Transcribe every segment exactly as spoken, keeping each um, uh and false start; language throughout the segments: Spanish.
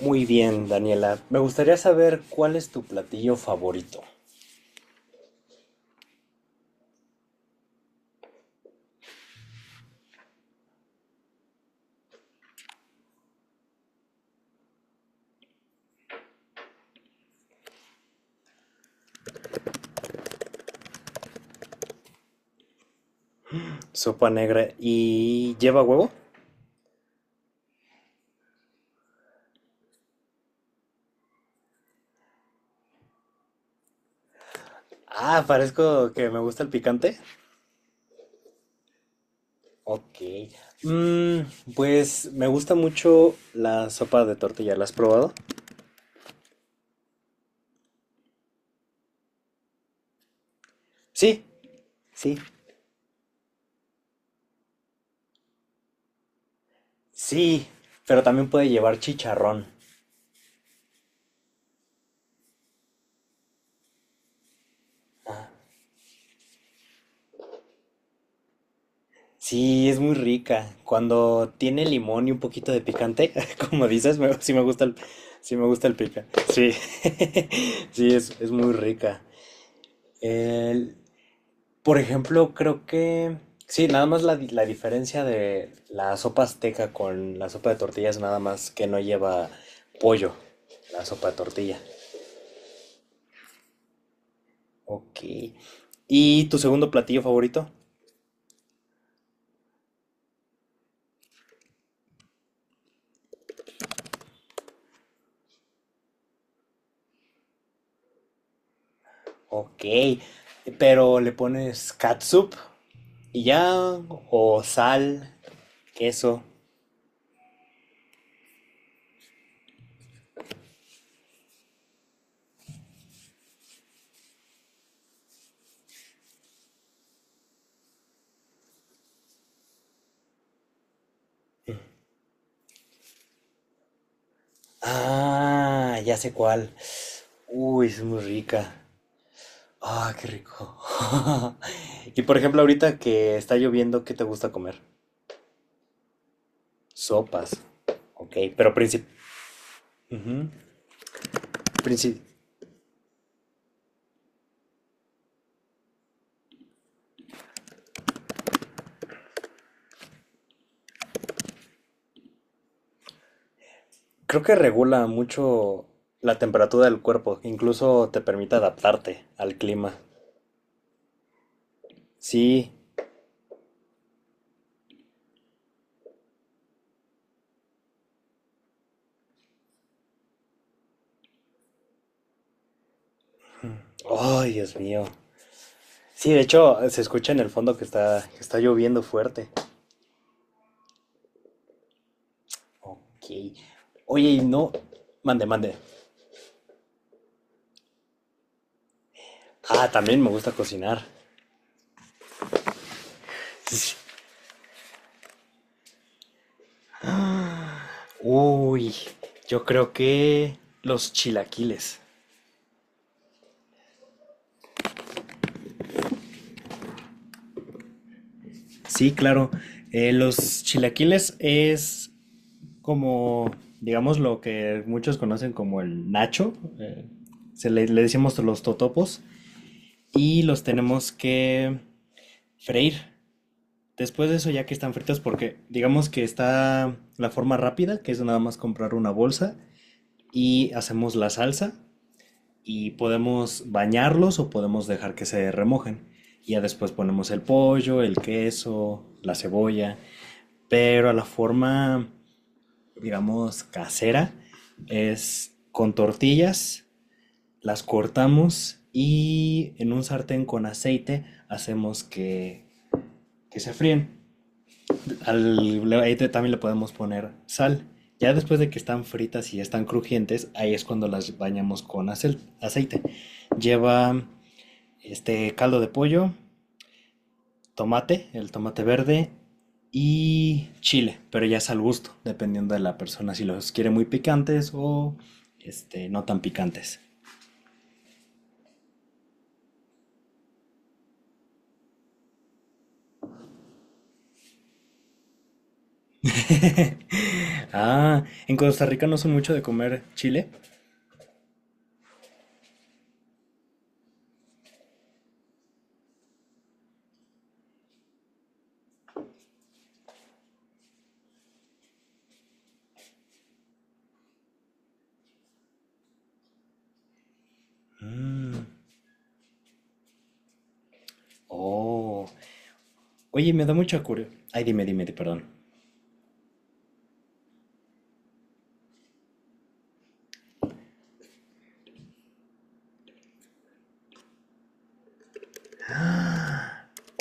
Muy bien, Daniela. Me gustaría saber cuál es tu platillo favorito. Sopa negra y lleva huevo. Ah, parezco que me gusta el picante. Ok. Mm, pues me gusta mucho la sopa de tortilla. ¿La has probado? Sí, sí, sí. Pero también puede llevar chicharrón. Sí, es muy rica. Cuando tiene limón y un poquito de picante, como dices, me- sí me gusta el, sí me gusta el pica. Sí, sí, es, es muy rica. El- por ejemplo, creo que... Sí, nada más la, di- la diferencia de la sopa azteca con la sopa de tortillas, nada más que no lleva pollo, la sopa de tortilla. Ok. ¿Y tu segundo platillo favorito? Ok. Pero le pones catsup y ya, o sal, queso. Ah, ya sé cuál. Uy, es muy rica. Ah, qué rico. Y por ejemplo, ahorita que está lloviendo, ¿qué te gusta comer? Sopas. Ok, pero princip... Ujú. Princip- Creo que regula mucho la temperatura del cuerpo, incluso te permite adaptarte al clima. Sí. Ay, Dios mío. Sí, de hecho, se escucha en el fondo que está, que está lloviendo fuerte. Ok. Oye, y no. Mande, mande. Ah, también me gusta cocinar. Uy, yo creo que los chilaquiles. Sí, claro. Eh, los chilaquiles es como, digamos, lo que muchos conocen como el nacho. eh, se le, le decimos los totopos. Y los tenemos que freír. Después de eso, ya que están fritos, porque digamos que está la forma rápida, que es nada más comprar una bolsa y hacemos la salsa. Y podemos bañarlos o podemos dejar que se remojen. Y ya después ponemos el pollo, el queso, la cebolla. Pero la forma, digamos, casera es con tortillas, las cortamos y en un sartén con aceite hacemos que, que se fríen. Al, ahí también le podemos poner sal. Ya después de que están fritas y ya están crujientes, ahí es cuando las bañamos con acel- aceite. Lleva este caldo de pollo, tomate, el tomate verde y chile, pero ya es al gusto, dependiendo de la persona si los quiere muy picantes o este no tan picantes. Ah, en Costa Rica no son mucho de comer chile. Mm, Oh, oye, me da mucha curiosidad. Ay, dime, dime, di- perdón.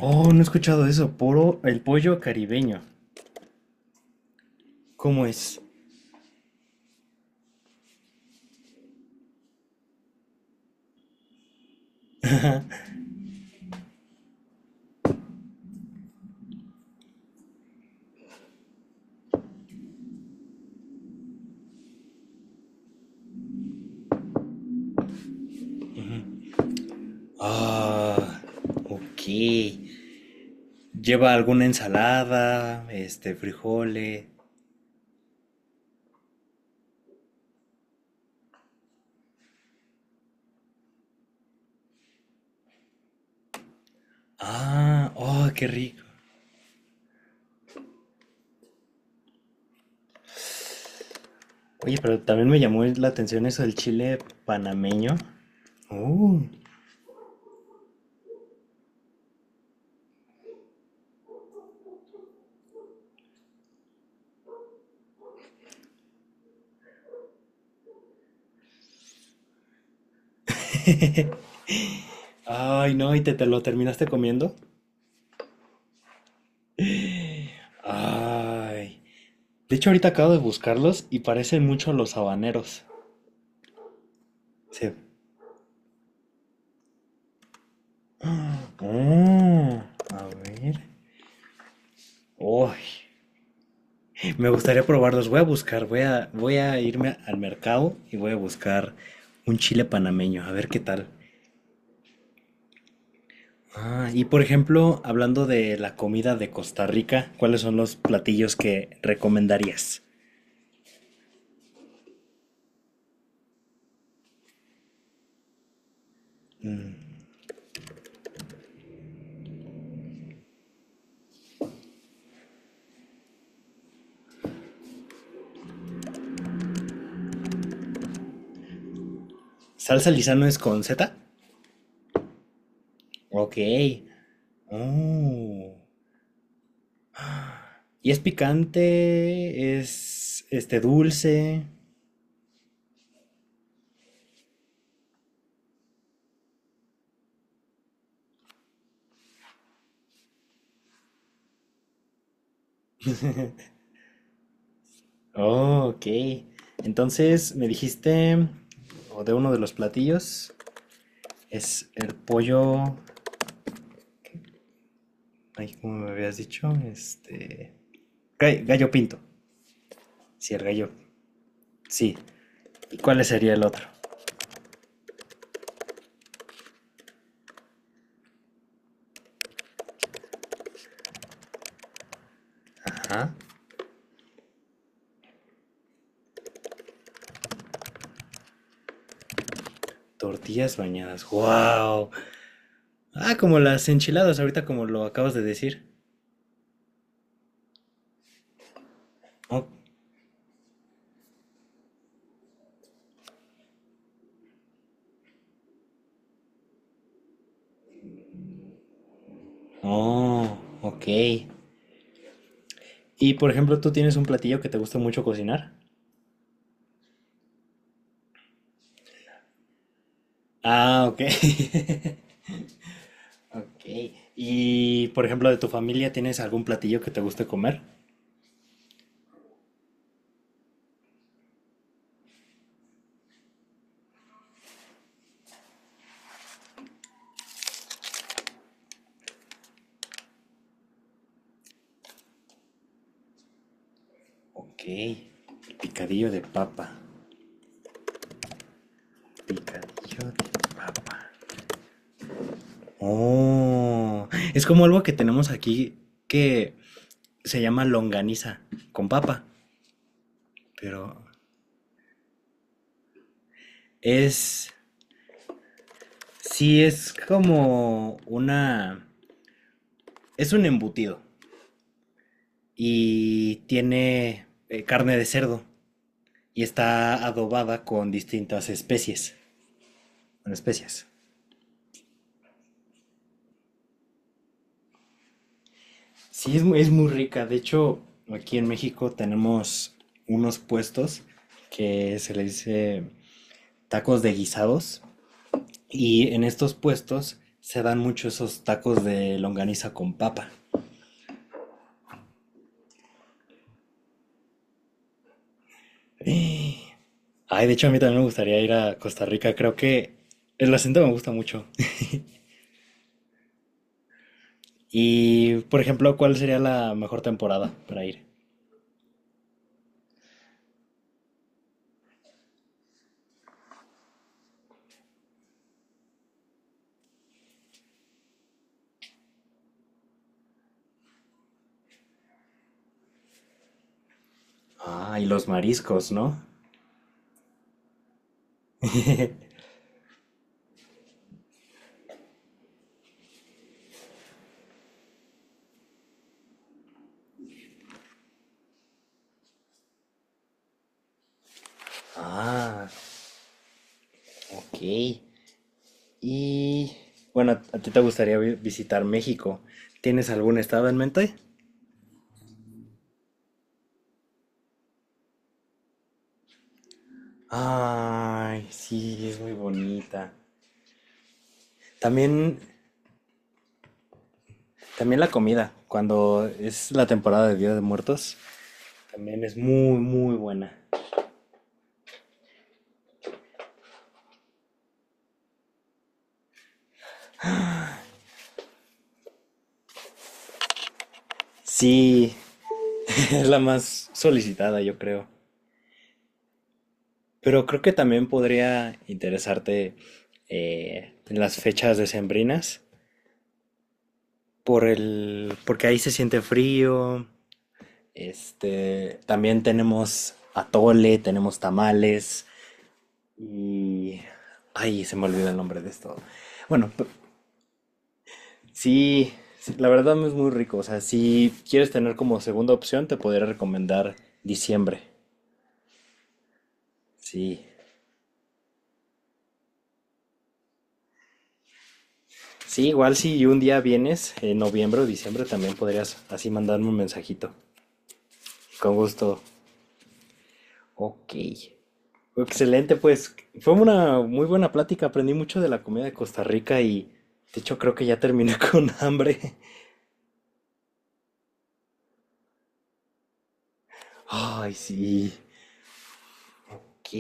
Oh, no he escuchado eso. Poro, el pollo caribeño. ¿Cómo es? Ah, ok. Lleva alguna ensalada, este, frijoles. Ah, oh, qué rico. Oye, pero también me llamó la atención eso del chile panameño. Uh. Ay, no, ¿y te, te lo terminaste comiendo? Ay. De hecho, ahorita acabo de buscarlos y parecen mucho a los habaneros. Sí. Mm, a ver. Uy, me gustaría probarlos. Voy a buscar, voy a, voy a irme al mercado y voy a buscar un chile panameño, a ver qué tal. Ah, y por ejemplo, hablando de la comida de Costa Rica, ¿cuáles son los platillos que recomendarías? ¿Salsa Lizano es con Z? Ok. Oh. ¿Y es picante? ¿Es este dulce? Oh, ok. Entonces me dijiste, o de uno de los platillos, es el pollo. Ay, ¿cómo me habías dicho? Este. ga- Gallo pinto. Sí, el gallo. Sí. ¿Y cuál sería el otro? Ajá. Tortillas bañadas. ¡Wow! Ah, como las enchiladas ahorita, como lo acabas de decir. Oh, oh, ok. Y por ejemplo, ¿tú tienes un platillo que te gusta mucho cocinar? Ah, ok. Ok. Y por ejemplo, de tu familia, ¿tienes algún platillo que te guste comer? Ok. El picadillo de papa. Picadillo de papa. Oh, es como algo que tenemos aquí que se llama longaniza con papa. Pero es, sí, es como una, es un embutido y tiene eh, carne de cerdo y está adobada con distintas especies, con especias. Sí, es, mu- es muy rica. De hecho, aquí en México tenemos unos puestos que se le dice tacos de guisados y en estos puestos se dan mucho esos tacos de longaniza con papa. Ay, de hecho a mí también me gustaría ir a Costa Rica. Creo que el acento me gusta mucho. Y, por ejemplo, ¿cuál sería la mejor temporada para ir? Ah, y los mariscos, ¿no? Ah, ok. Y bueno, ¿a ti te gustaría vi- visitar México? ¿Tienes algún estado en mente? Ay, sí, es muy bonita. También, también la comida, cuando es la temporada de Día de Muertos, también es muy, muy buena. Sí, es la más solicitada, yo creo. Pero creo que también podría interesarte eh, en las fechas decembrinas, por el, porque ahí se siente frío. Este, también tenemos atole, tenemos tamales y... Ay, se me olvida el nombre de esto. Bueno, p- sí, sí, la verdad no es muy rico. O sea, si quieres tener como segunda opción, te podría recomendar diciembre. Sí, sí, igual si un día vienes, en noviembre o diciembre, también podrías así mandarme un mensajito. Con gusto. Ok. Excelente, pues fue una muy buena plática. Aprendí mucho de la comida de Costa Rica y de hecho creo que ya terminé con hambre. Ay, sí. Ok.